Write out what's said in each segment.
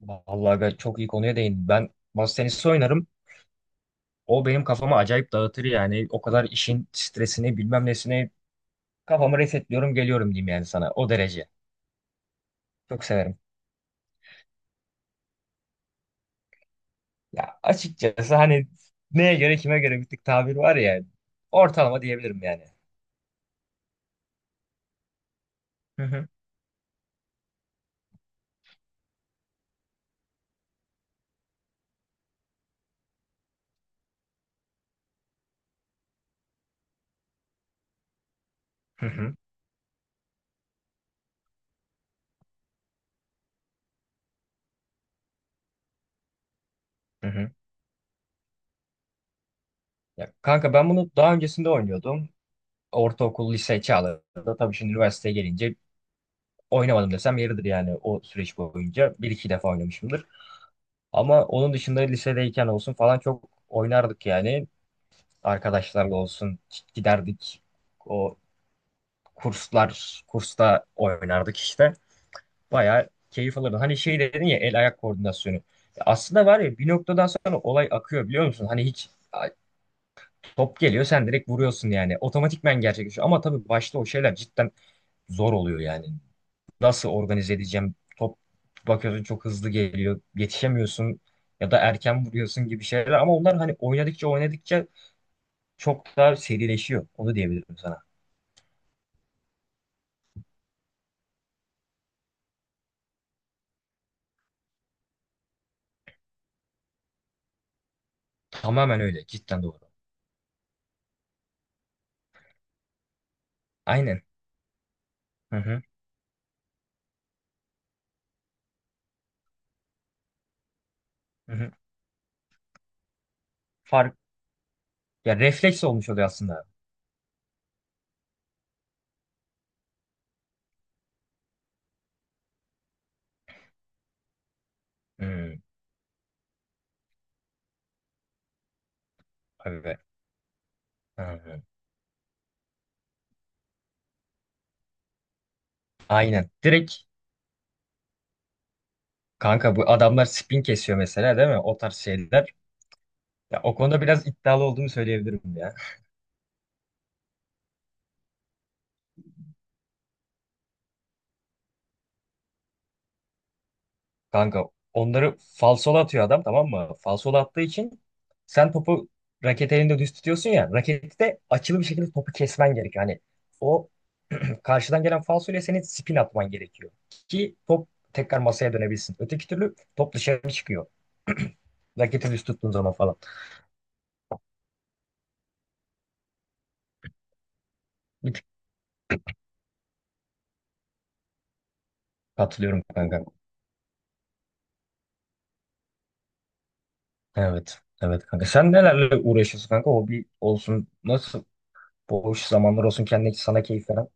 Vallahi ben çok iyi konuya değindim. Ben masa tenisi oynarım. O benim kafamı acayip dağıtır yani. O kadar işin stresini bilmem nesini kafamı resetliyorum geliyorum diyeyim yani sana. O derece. Çok severim. Ya açıkçası hani neye göre kime göre bir tık tabir var ya. Ortalama diyebilirim yani. Hı hı. Hı hı. Hı hı. Ya kanka ben bunu daha öncesinde oynuyordum. Ortaokul, lise çağlarında. Tabii şimdi üniversiteye gelince oynamadım desem yeridir yani o süreç boyunca. Bir iki defa oynamışımdır. Ama onun dışında lisedeyken olsun falan çok oynardık yani. Arkadaşlarla olsun giderdik. O kurslar, kursta oynardık işte. Bayağı keyif alırdım. Hani şey dedin ya el ayak koordinasyonu. Ya aslında var ya bir noktadan sonra olay akıyor biliyor musun? Hani top geliyor sen direkt vuruyorsun yani. Otomatikmen gerçekleşiyor. Ama tabii başta o şeyler cidden zor oluyor yani. Nasıl organize edeceğim? Top bakıyorsun çok hızlı geliyor. Yetişemiyorsun ya da erken vuruyorsun gibi şeyler. Ama onlar hani oynadıkça oynadıkça çok daha serileşiyor. Onu diyebilirim sana. Tamamen öyle. Cidden doğru. Aynen. Hı hı. Hı hı. Fark ya refleks olmuş oluyor aslında. Hı, evet. Hı hı. Aynen. Direkt kanka bu adamlar spin kesiyor mesela değil mi? O tarz şeyler. Ya, o konuda biraz iddialı olduğumu söyleyebilirim ya. Kanka onları falsolu atıyor adam tamam mı? Falsolu attığı için sen topu raket elinde düz tutuyorsun ya. Raketi de açılı bir şekilde topu kesmen gerekiyor. Hani o karşıdan gelen falsoyla senin spin atman gerekiyor. Ki top tekrar masaya dönebilsin. Öteki türlü top dışarı çıkıyor. Raketi düz tuttuğun zaman falan. Bir tık katılıyorum kanka. Evet. Evet kanka. Sen nelerle uğraşıyorsun kanka? Hobi olsun. Nasıl boş zamanlar olsun kendine sana keyif veren.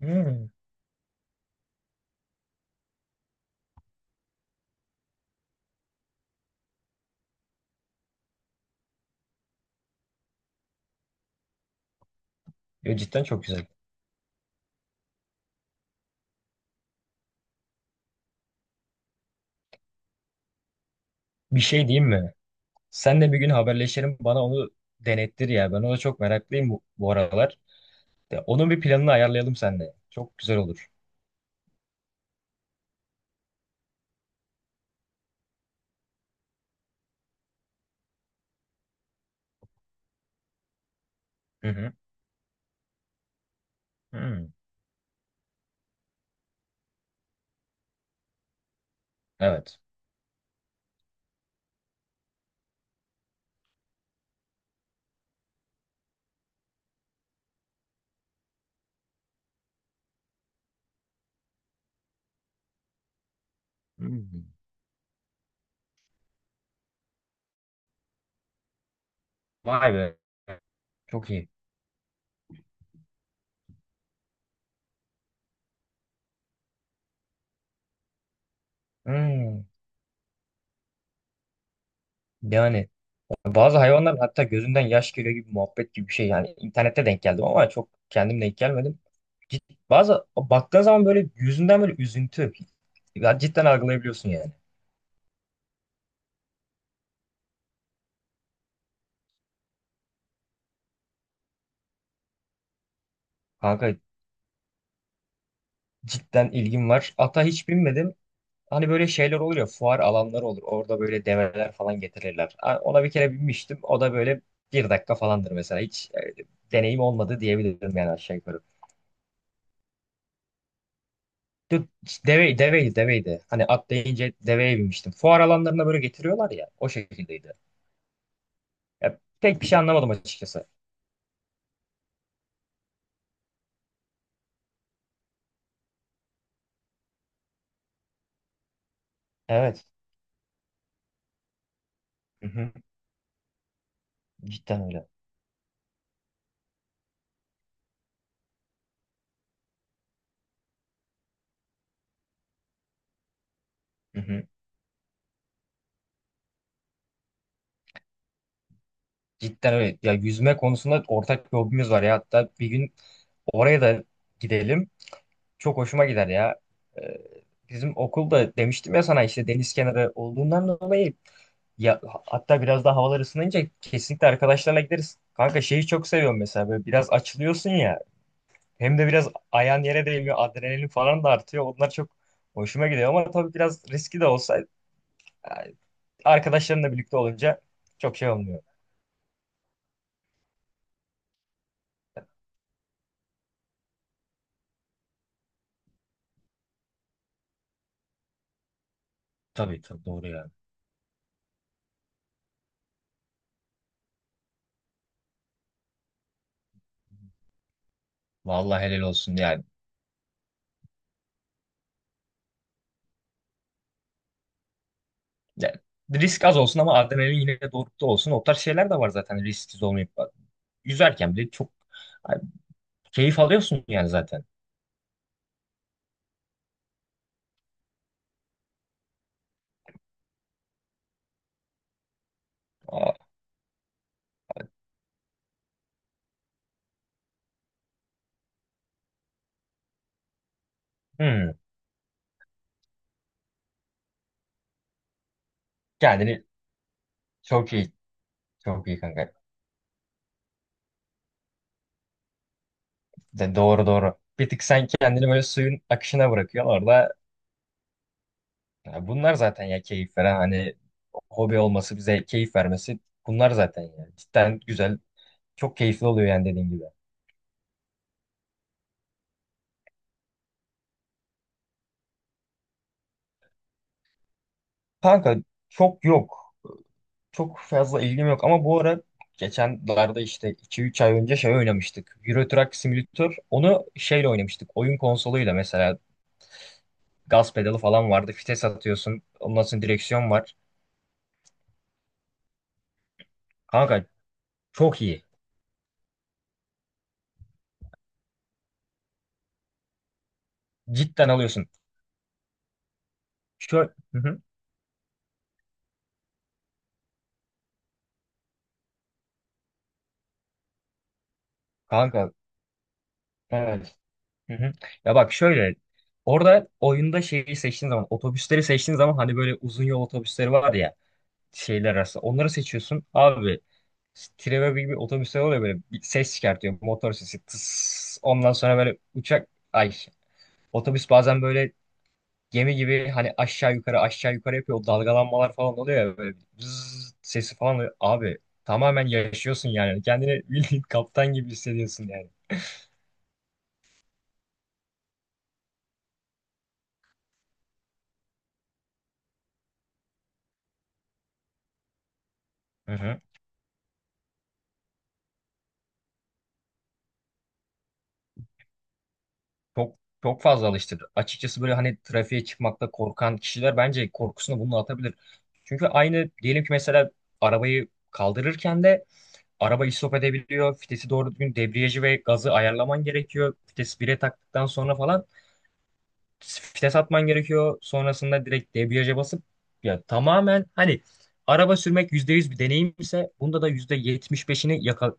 Hmm. Yo, cidden çok güzel. Bir şey diyeyim mi? Sen de bir gün haberleşelim bana onu denettir ya. Ben ona çok meraklıyım bu aralar. De, onun bir planını ayarlayalım seninle. Çok güzel olur. Hı hı. Hı. Evet. Hmm. Vay be. Çok iyi. Hmm. Yani bazı hayvanların hatta gözünden yaş geliyor gibi muhabbet gibi bir şey. Yani internette denk geldim ama çok kendim denk gelmedim. Cid- Bazı baktığın zaman böyle yüzünden böyle üzüntü. Ya cidden algılayabiliyorsun yani. Kanka cidden ilgim var. Ata hiç binmedim. Hani böyle şeyler olur ya fuar alanları olur. Orada böyle develer falan getirirler. Ona bir kere binmiştim. O da böyle bir dakika falandır mesela. Hiç e, deneyim olmadı diyebilirim yani aşağı yukarı. Dö- Deve, deveydi deveydi. Hani atlayınca deveye binmiştim. Fuar alanlarına böyle getiriyorlar ya. O şekildeydi. Ya, pek bir şey anlamadım açıkçası. Evet. Hı hı. Cidden öyle. Hı hı. Cidden öyle. Ya yüzme konusunda ortak bir hobimiz var ya. Hatta bir gün oraya da gidelim. Çok hoşuma gider ya. Ee, Bizim okulda demiştim ya sana işte deniz kenarı olduğundan dolayı ya hatta biraz daha havalar ısınınca kesinlikle arkadaşlarla gideriz. Kanka şeyi çok seviyorum mesela böyle biraz açılıyorsun ya hem de biraz ayağın yere değmiyor adrenalin falan da artıyor. Onlar çok hoşuma gidiyor ama tabii biraz riski de olsa yani arkadaşlarınla birlikte olunca çok şey olmuyor. Tabii tabii doğru yani. Vallahi helal olsun yani. Yani risk az olsun ama adrenalin yine de dorukta olsun. O tarz şeyler de var zaten risksiz olmayıp yüzerken bile çok ay, keyif alıyorsun yani zaten. Aa, hmm. Kendini çok iyi. Çok iyi kanka. Doğru doğru. Bir tık sen kendini böyle suyun akışına bırakıyorsun orada. Ya bunlar zaten ya keyif veren hani hobi olması bize keyif vermesi bunlar zaten yani. Cidden güzel. Çok keyifli oluyor yani dediğin gibi. Kanka çok yok. Çok fazla ilgim yok ama bu ara geçenlerde işte iki üç ay önce şey oynamıştık. Euro Truck Simulator. Onu şeyle oynamıştık. Oyun konsoluyla mesela. Gaz pedalı falan vardı. Vites atıyorsun. Ondan sonra direksiyon var. Kanka çok iyi. Cidden alıyorsun. Şöyle, hı hı. Kanka evet. Hı hı. Ya bak şöyle. Orada oyunda şeyi seçtiğin zaman, otobüsleri seçtiğin zaman hani böyle uzun yol otobüsleri var ya şeyler arasında. Onları seçiyorsun. Abi Trevor gibi bir otobüsler oluyor böyle bir ses çıkartıyor. Motor sesi. Tıs. Ondan sonra böyle uçak ay otobüs bazen böyle gemi gibi hani aşağı yukarı aşağı yukarı yapıyor. O dalgalanmalar falan oluyor ya böyle bzzz sesi falan oluyor. Abi tamamen yaşıyorsun yani. Kendini bildiğin kaptan gibi hissediyorsun yani. Hı hı. Çok çok fazla alıştırdı. Açıkçası böyle hani trafiğe çıkmakta korkan kişiler bence korkusunu bununla atabilir. Çünkü aynı diyelim ki mesela arabayı kaldırırken de araba istop edebiliyor. Fitesi doğru düzgün debriyajı ve gazı ayarlaman gerekiyor. Fites bire taktıktan sonra falan vites atman gerekiyor. Sonrasında direkt debriyaja basıp ya tamamen hani araba sürmek %100 bir deneyim ise bunda da %75'ini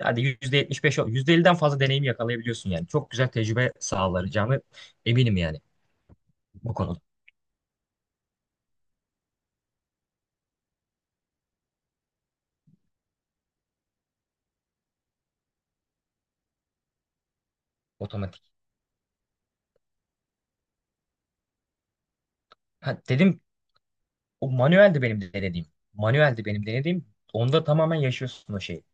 hadi %75 %50'den fazla deneyimi yakalayabiliyorsun yani. Çok güzel tecrübe sağlayacağını eminim yani bu konuda. Otomatik. Ha, dedim o manueldi benim denediğim. Manueldi benim denediğim. Onda tamamen yaşıyorsun o şeyi.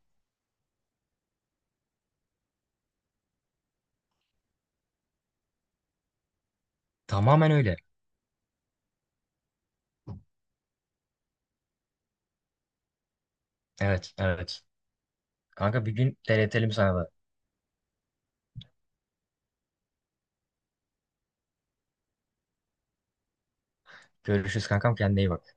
Tamamen öyle. Evet, evet. Kanka bir gün denetelim sana da. Görüşürüz kankam kendine iyi bak.